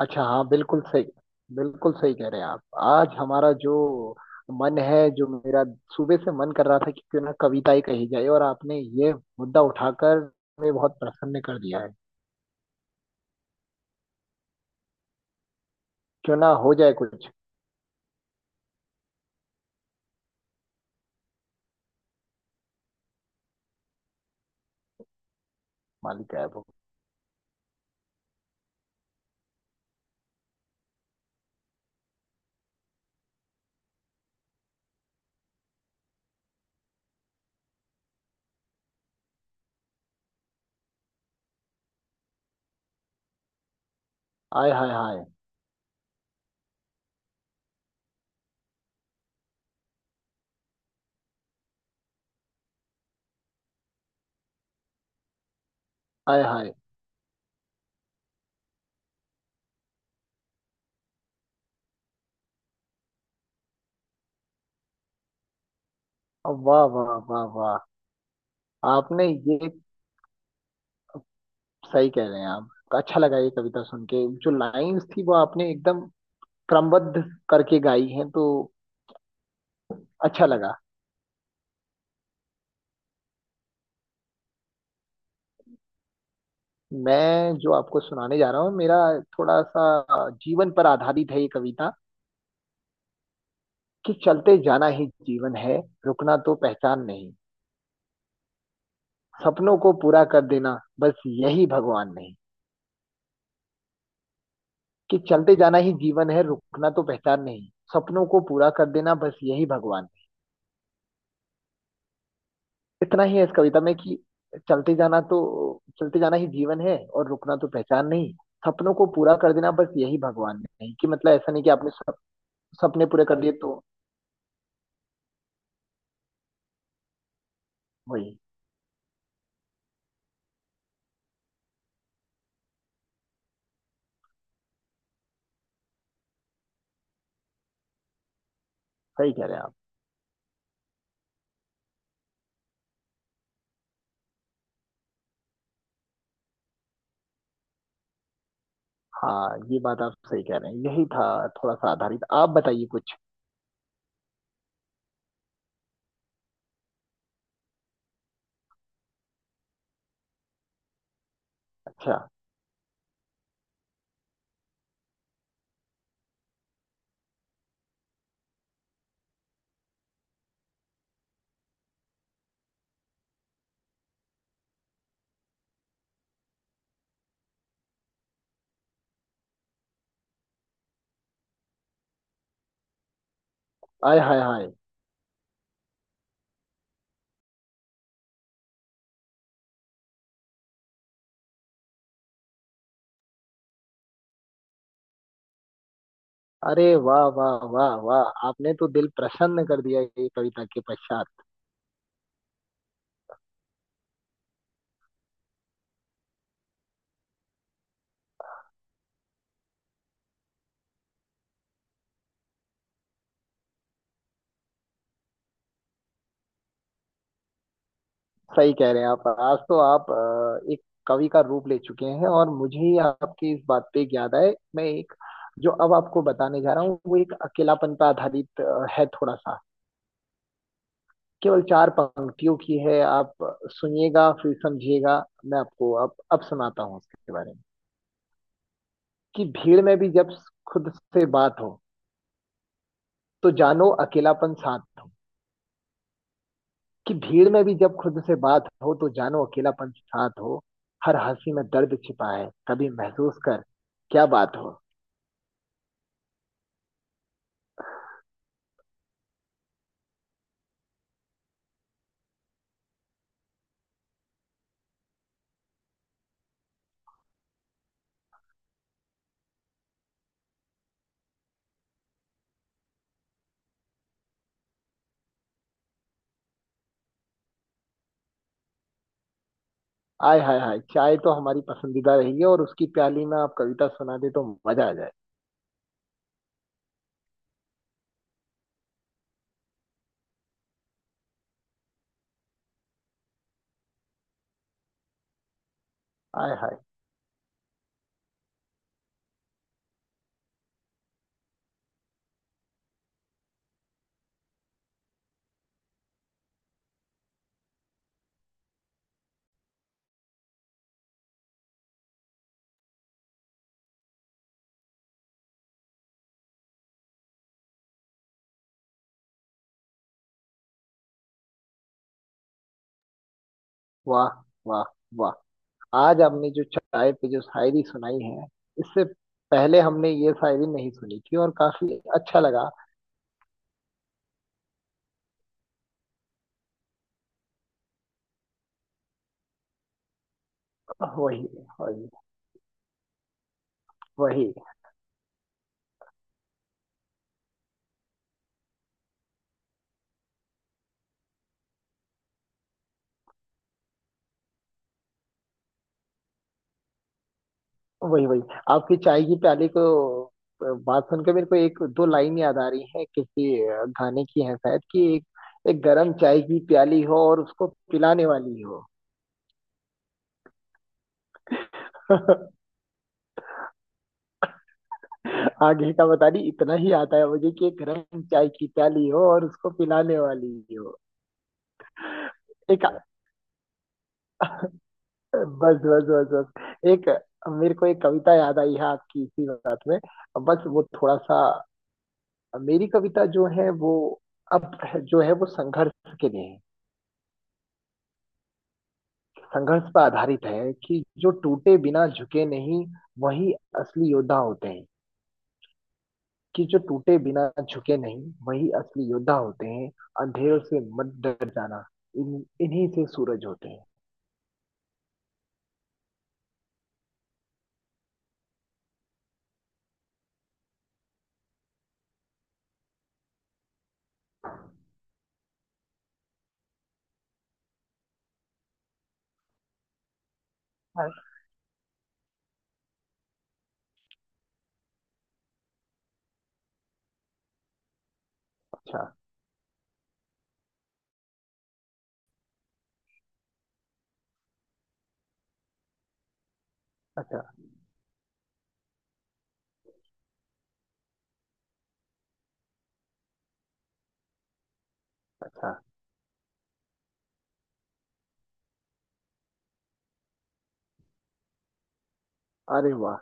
अच्छा, हाँ, बिल्कुल सही कह रहे हैं आप। आज हमारा जो मन है, जो मेरा सुबह से मन कर रहा था कि क्यों ना कविताएं कही जाए, और आपने ये मुद्दा उठाकर मुझे बहुत प्रसन्न कर दिया है। क्यों ना हो जाए कुछ। मालिक है वो। आय हाय हाय। आय हाय। वाह वाह वाह वाह, आपने ये सही कह रहे हैं आप। अच्छा लगा ये कविता सुन के। जो लाइंस थी वो आपने एकदम क्रमबद्ध करके गाई हैं, तो अच्छा लगा। मैं जो आपको सुनाने जा रहा हूँ, मेरा थोड़ा सा जीवन पर आधारित है ये कविता। कि चलते जाना ही जीवन है, रुकना तो पहचान नहीं। सपनों को पूरा कर देना बस, यही भगवान नहीं। कि चलते जाना ही जीवन है, रुकना तो पहचान नहीं। सपनों को पूरा कर देना बस, यही भगवान नहीं। इतना ही है इस कविता में कि चलते जाना तो चलते जाना ही जीवन है, और रुकना तो पहचान नहीं। सपनों को पूरा कर देना बस, यही भगवान नहीं। कि मतलब ऐसा नहीं कि आपने सपने पूरे कर लिए तो। वही। सही कह रहे हैं आप। हाँ, ये बात आप सही कह रहे हैं, यही था थोड़ा सा आधारित। आप बताइए कुछ। अच्छा। आय हाय हाय। अरे वाह वाह वाह वाह, आपने तो दिल प्रसन्न कर दिया ये कविता के पश्चात। सही कह रहे हैं आप। आज तो आप एक कवि का रूप ले चुके हैं, और मुझे ही आपकी इस बात पे एक याद आए। मैं एक जो अब आपको बताने जा रहा हूँ, वो एक अकेलापन पर आधारित है, थोड़ा सा। केवल चार पंक्तियों की है। आप सुनिएगा, फिर समझिएगा। मैं आपको अब सुनाता हूँ उसके बारे में। कि भीड़ में भी जब खुद से बात हो, तो जानो अकेलापन साथ हो। कि भीड़ में भी जब खुद से बात हो, तो जानो अकेलापन साथ हो। हर हंसी में दर्द छिपा है, कभी महसूस कर क्या बात हो। आय हाय हाय। चाय तो हमारी पसंदीदा रही है, और उसकी प्याली में आप कविता सुना दे तो मजा आ जाए। आय हाय। वाह वाह वाह। आज आपने जो चाय पे जो शायरी सुनाई है, इससे पहले हमने ये शायरी नहीं सुनी थी, और काफी अच्छा लगा। वही वही वही वही वही आपकी चाय की प्याली को बात सुनकर मेरे को एक दो लाइन याद आ रही है किसी गाने की है शायद। कि एक, एक गरम चाय की प्याली हो और उसको पिलाने वाली हो। आगे का बता नहीं, इतना ही आता है मुझे कि एक गरम चाय की प्याली हो और उसको पिलाने वाली हो। एक बस बस बस बस एक मेरे को एक कविता याद आई है आपकी इसी बात में। बस वो थोड़ा सा, मेरी कविता जो है वो, अब जो है वो संघर्ष के लिए है। संघर्ष पर आधारित है, कि जो टूटे बिना झुके नहीं, वही असली योद्धा होते हैं। कि जो टूटे बिना झुके नहीं, वही असली योद्धा होते हैं। अंधेरों से मत डर जाना, इन इन्हीं से सूरज होते हैं। अरे। अच्छा, अच्छा, अच्छा। अरे वाह।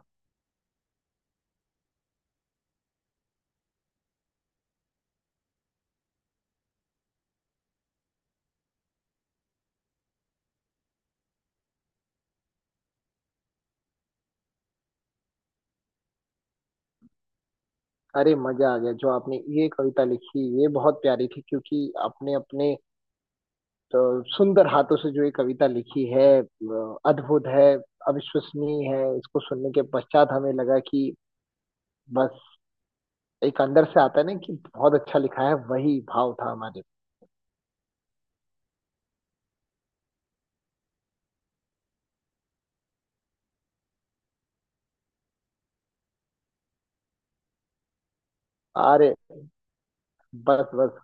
अरे मजा आ गया, जो आपने ये कविता लिखी ये बहुत प्यारी थी। क्योंकि आपने अपने अ, सुंदर हाथों से जो ये कविता लिखी है, अद्भुत है, अविश्वसनीय है। इसको सुनने के पश्चात हमें लगा कि बस एक अंदर से आता है ना कि बहुत अच्छा लिखा है। वही भाव था हमारे। अरे। बस बस।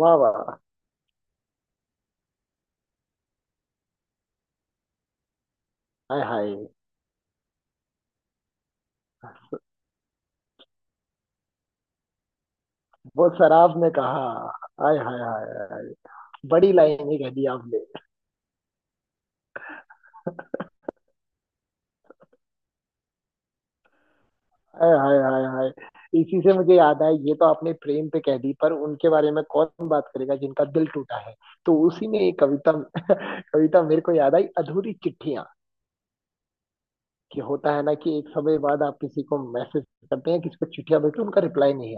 वाह वाह। हाय हाय। वो शराब ने कहा। हाय हाय हाय हाय, बड़ी लाइन ही कह दी आपने। हाय हाय हाय हाय। इसी से मुझे याद आया, ये तो आपने प्रेम पे कह दी, पर उनके बारे में कौन बात करेगा जिनका दिल टूटा है। तो उसी में एक कविता कविता मेरे को याद आई, अधूरी चिट्ठियां। कि होता है ना कि एक समय बाद आप किसी को मैसेज करते हैं, किसी को चिट्ठियां भेजते हैं, उनका रिप्लाई नहीं।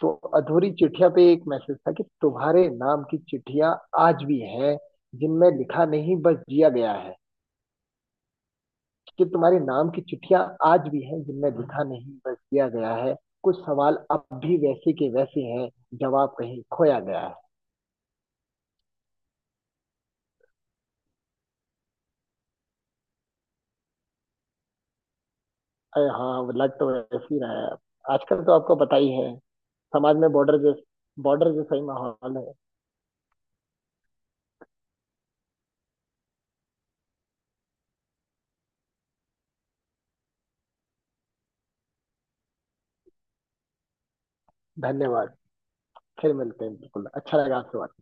तो अधूरी चिट्ठिया पे एक मैसेज था कि तुम्हारे नाम की चिट्ठियां आज भी हैं, जिनमें लिखा नहीं बस जिया गया है। कि तुम्हारे नाम की चिट्ठियां आज भी हैं, जिनमें लिखा नहीं बस जिया गया है। कुछ सवाल अब भी वैसे के वैसे हैं, जवाब कहीं खोया गया है। अरे हाँ, लग तो वैसे ही रहा है। आजकल तो आपको पता ही है, समाज में बॉर्डर जैसा ही माहौल है। धन्यवाद। फिर मिलते हैं, बिल्कुल अच्छा लगा आपसे बात।